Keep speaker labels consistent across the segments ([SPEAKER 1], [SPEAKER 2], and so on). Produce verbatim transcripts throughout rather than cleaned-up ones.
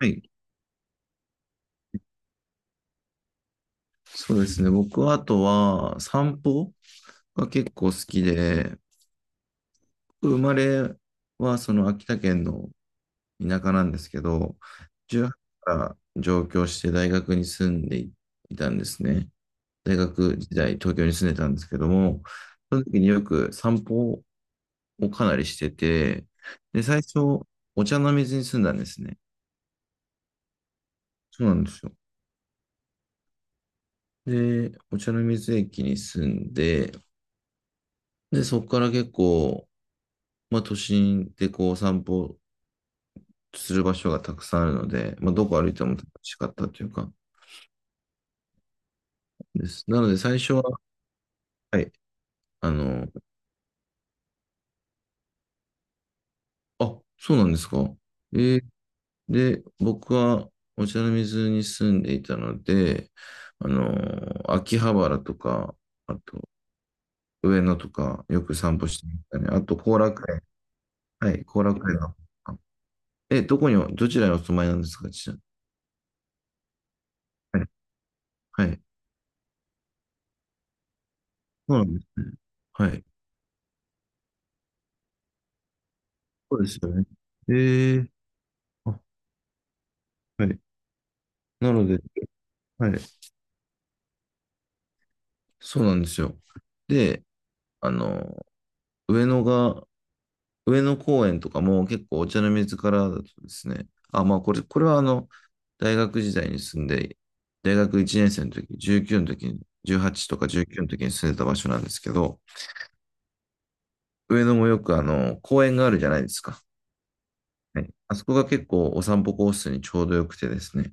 [SPEAKER 1] はい。そうですね。僕はあとは散歩が結構好きで、僕生まれはその秋田県の田舎なんですけど、じゅうはちから上京して大学に住んでいたんですね。大学時代、東京に住んでたんですけども、その時によく散歩をかなりしてて、で、最初、お茶の水に住んだんですね。そうなんですよ。で、お茶の水駅に住んで、で、そこから結構、まあ、都心でこう散歩する場所がたくさんあるので、まあ、どこ歩いても楽しかったというか、です。なので、最初は、はい、あの、あ、そうなんですか。えーで、僕はお茶の水に住んでいたので、あの、秋葉原とか、あと、上野とか、よく散歩してましたね。あと、後楽園。はい、後楽園の。え、どこに、どちらにお住まいなんですか、ちなみに。はい。はい。そうなんですね。はい。そうですよね。えー、あ、はい。なので、はい。そうなんですよ。で、あの、上野が、上野公園とかも結構お茶の水からだとですね、あ、まあこれ、これはあの、大学時代に住んで、大学いちねん生の時、19の時に、じゅうはちとかじゅうきゅうの時に住んでた場所なんですけど、上野もよくあの、公園があるじゃないですか。はい。あそこが結構お散歩コースにちょうどよくてですね、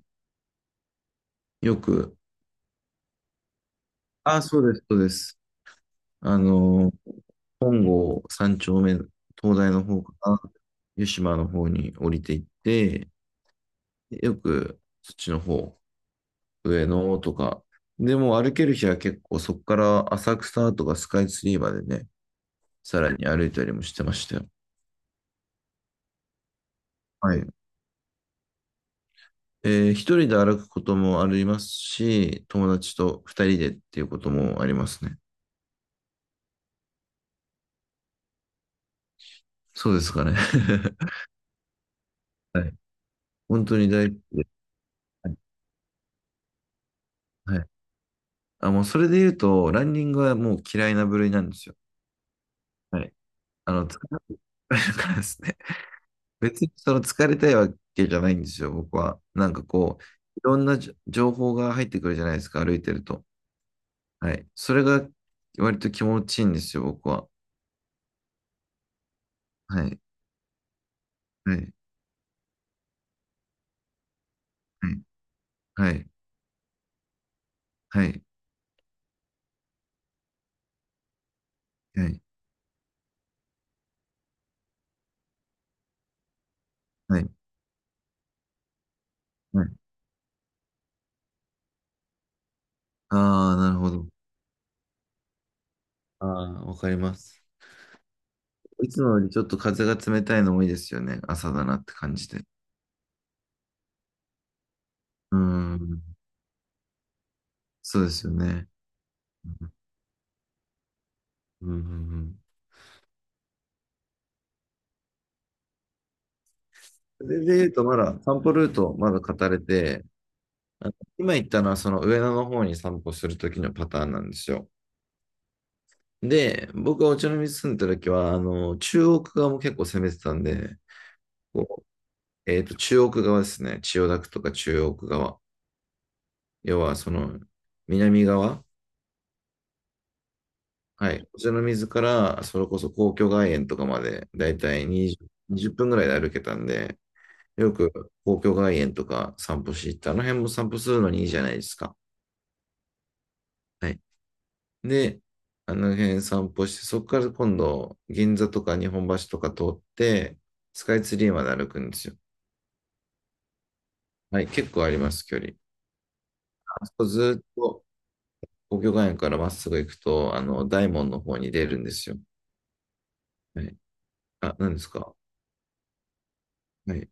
[SPEAKER 1] よく、あ、そうです、そうです。あの、本郷三丁目、東大の方から湯島の方に降りていって、よくそっちの方、上野とか、でも歩ける日は結構そこから浅草とかスカイツリーまでね、さらに歩いたりもしてましたよ。はい。えー一人で歩くこともありますし、友達と二人でっていうこともありますね。そうですかね。はい。本当に大好きで。はい。はい。あ、もうそれで言うと、ランニングはもう嫌いな部類なんですよ。はい。あの、疲れるからですね。別にその疲れたいわけじゃないんですよ、僕は。なんかこう、いろんなじょ情報が入ってくるじゃないですか、歩いてると。はい。それが割と気持ちいいんですよ、僕は。はい。はい。はい。はい。はい。はい。はい。ああー、なるほど。ああ、わかります。いつもよりちょっと風が冷たいのもいいですよね。朝だなって感じで。うーん。そうですよね。うんうん。それで言うと、まだ散歩ルート、まだ語れて、あの、今言ったのはその上野の方に散歩するときのパターンなんですよ。で、僕がお茶の水住んでたときは、あの、中央区側も結構攻めてたんで、こう、えっと、中央区側ですね。千代田区とか中央区側。要は、その、南側。はい。お茶の水から、それこそ皇居外苑とかまで、だいたいにじゅう、分ぐらいで歩けたんで、よく皇居外苑とか散歩し行って、あの辺も散歩するのにいいじゃないですか。はい。で、あの辺散歩して、そこから今度、銀座とか日本橋とか通って、スカイツリーまで歩くんですよ。はい、結構あります、距離。あそこずっと、皇居外苑からまっすぐ行くと、あの、大門の方に出るんですよ。はい。あ、何ですか？はい。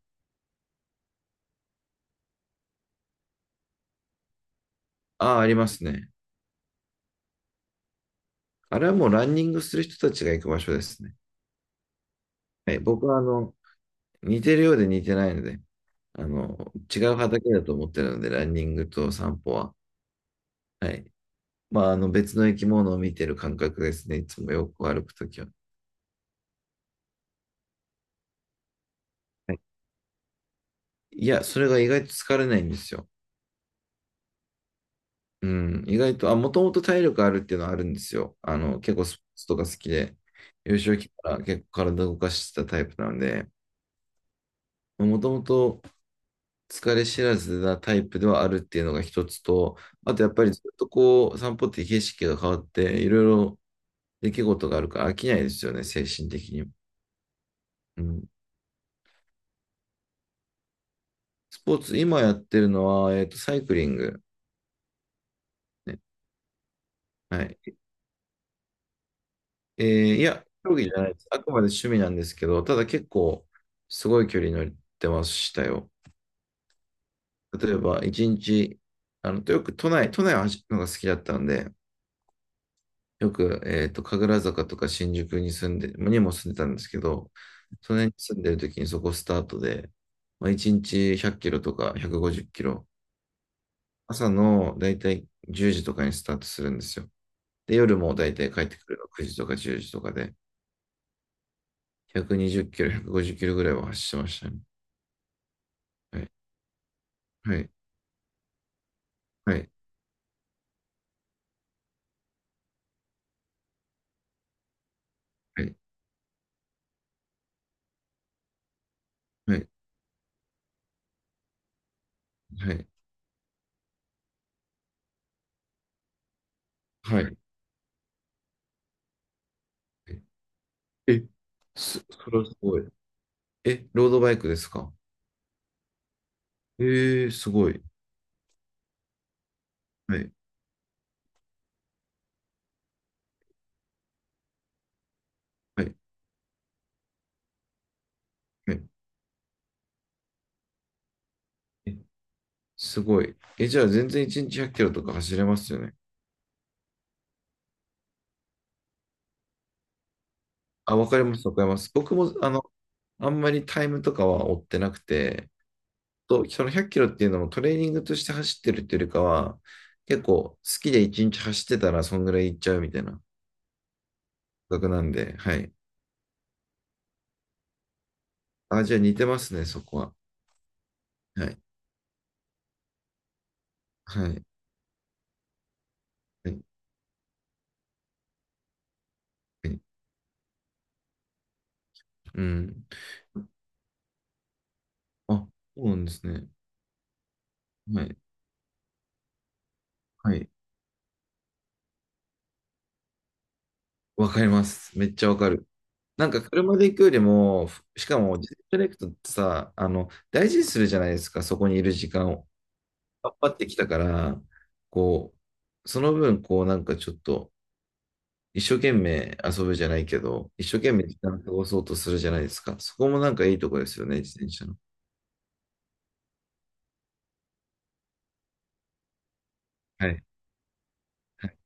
[SPEAKER 1] あ、ありますね。あれはもうランニングする人たちが行く場所ですね。はい、僕は、あの、似てるようで似てないので、あの、違う畑だと思ってるので、ランニングと散歩は。はい。まあ、あの別の生き物を見てる感覚ですね。いつもよく歩くときは。はい。いや、それが意外と疲れないんですよ。うん。意外と、あ、もともと体力あるっていうのはあるんですよ。あの、結構スポーツとか好きで、幼少期から結構体動かしてたタイプなんで、もともと疲れ知らずなタイプではあるっていうのが一つと、あとやっぱりずっとこう、散歩って景色が変わって、いろいろ出来事があるから飽きないですよね、精神的に。うん。スポーツ、今やってるのは、えっと、サイクリング。ね。はい。えーいや、競技じゃないです。あくまで趣味なんですけど、ただ結構、すごい距離乗ってましたよ。例えば、一日、あの、よく都内、都内を走るのが好きだったんで、よく、えっと、神楽坂とか新宿に住んで、にも住んでたんですけど、その辺に住んでる時にそこスタートで、まあ、一日ひゃっキロとかひゃくごじゅっキロ、朝のだいたいじゅうじとかにスタートするんですよ。で、夜もだいたい帰ってくるのくじとかじゅうじとかで、ひゃくにじゅっキロ、ひゃくごじゅっキロぐらいは走ってましたね。はい、はい、はい、はい、はい、はい。はい。え、す、それはすごい。え、ロードバイクですか？えー、すごい。はい、はい、はい。え、すごい。え、じゃあ全然いちにちひゃっキロとか走れますよね。あ、わかります、わかります。僕も、あの、あんまりタイムとかは追ってなくて、と、そのひゃっキロっていうのもトレーニングとして走ってるっていうよりかは、結構好きでいちにち走ってたらそんぐらい行っちゃうみたいな感覚なんで、はい。あ、じゃあ似てますね、そこは。はい。はい。はい。はい。うん。あ、そうなんですね。はい。はい。わかります。めっちゃわかる。なんか車で行くよりも、ふしかも自転車で行くとさ、あの、大事にするじゃないですか、そこにいる時間を。頑張ってきたから、こう、その分、こう、なんかちょっと、一生懸命遊ぶじゃないけど、一生懸命時間を過ごそうとするじゃないですか。そこもなんかいいとこですよね、自転車の。はい。はい。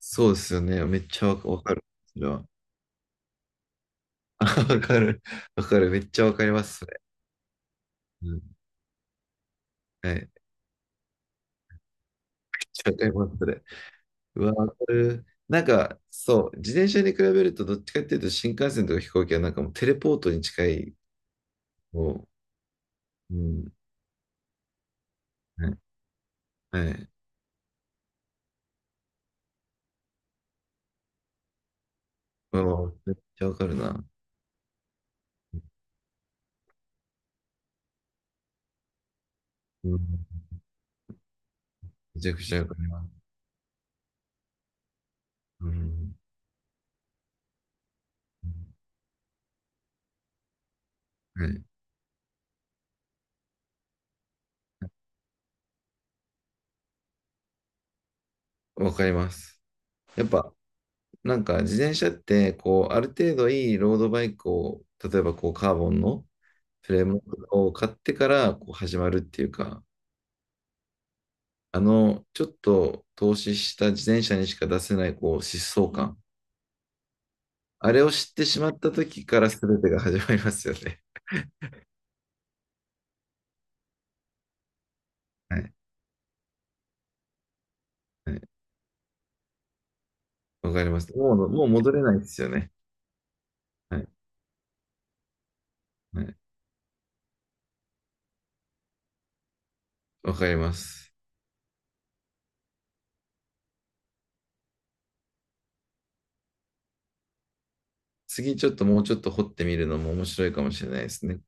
[SPEAKER 1] そうですよね。めっちゃわかわかる。それはわかる。わかる。めっちゃわかります、それ。うん。はい。めっちゃわかります、それ。うわ、わかる。なんか、そう、自転車に比べると、どっちかっていうと、新幹線とか飛行機はなんかもうテレポートに近い。もう、うん。はい。はい。わめっちゃわかるな。うん。めちゃくちゃわかります。うん。はい。わかります。やっぱ、なんか、自転車って、こう、ある程度いいロードバイクを、例えばこう、カーボンのフレームを買ってから、こう、始まるっていうか、あの、ちょっと投資した自転車にしか出せない、こう、疾走感。あれを知ってしまった時から全てが始まりますよね。はい。はい。わかります。もう、もう戻れないですよね。はい。はい。わかります。次、ちょっともうちょっと掘ってみるのも面白いかもしれないですね。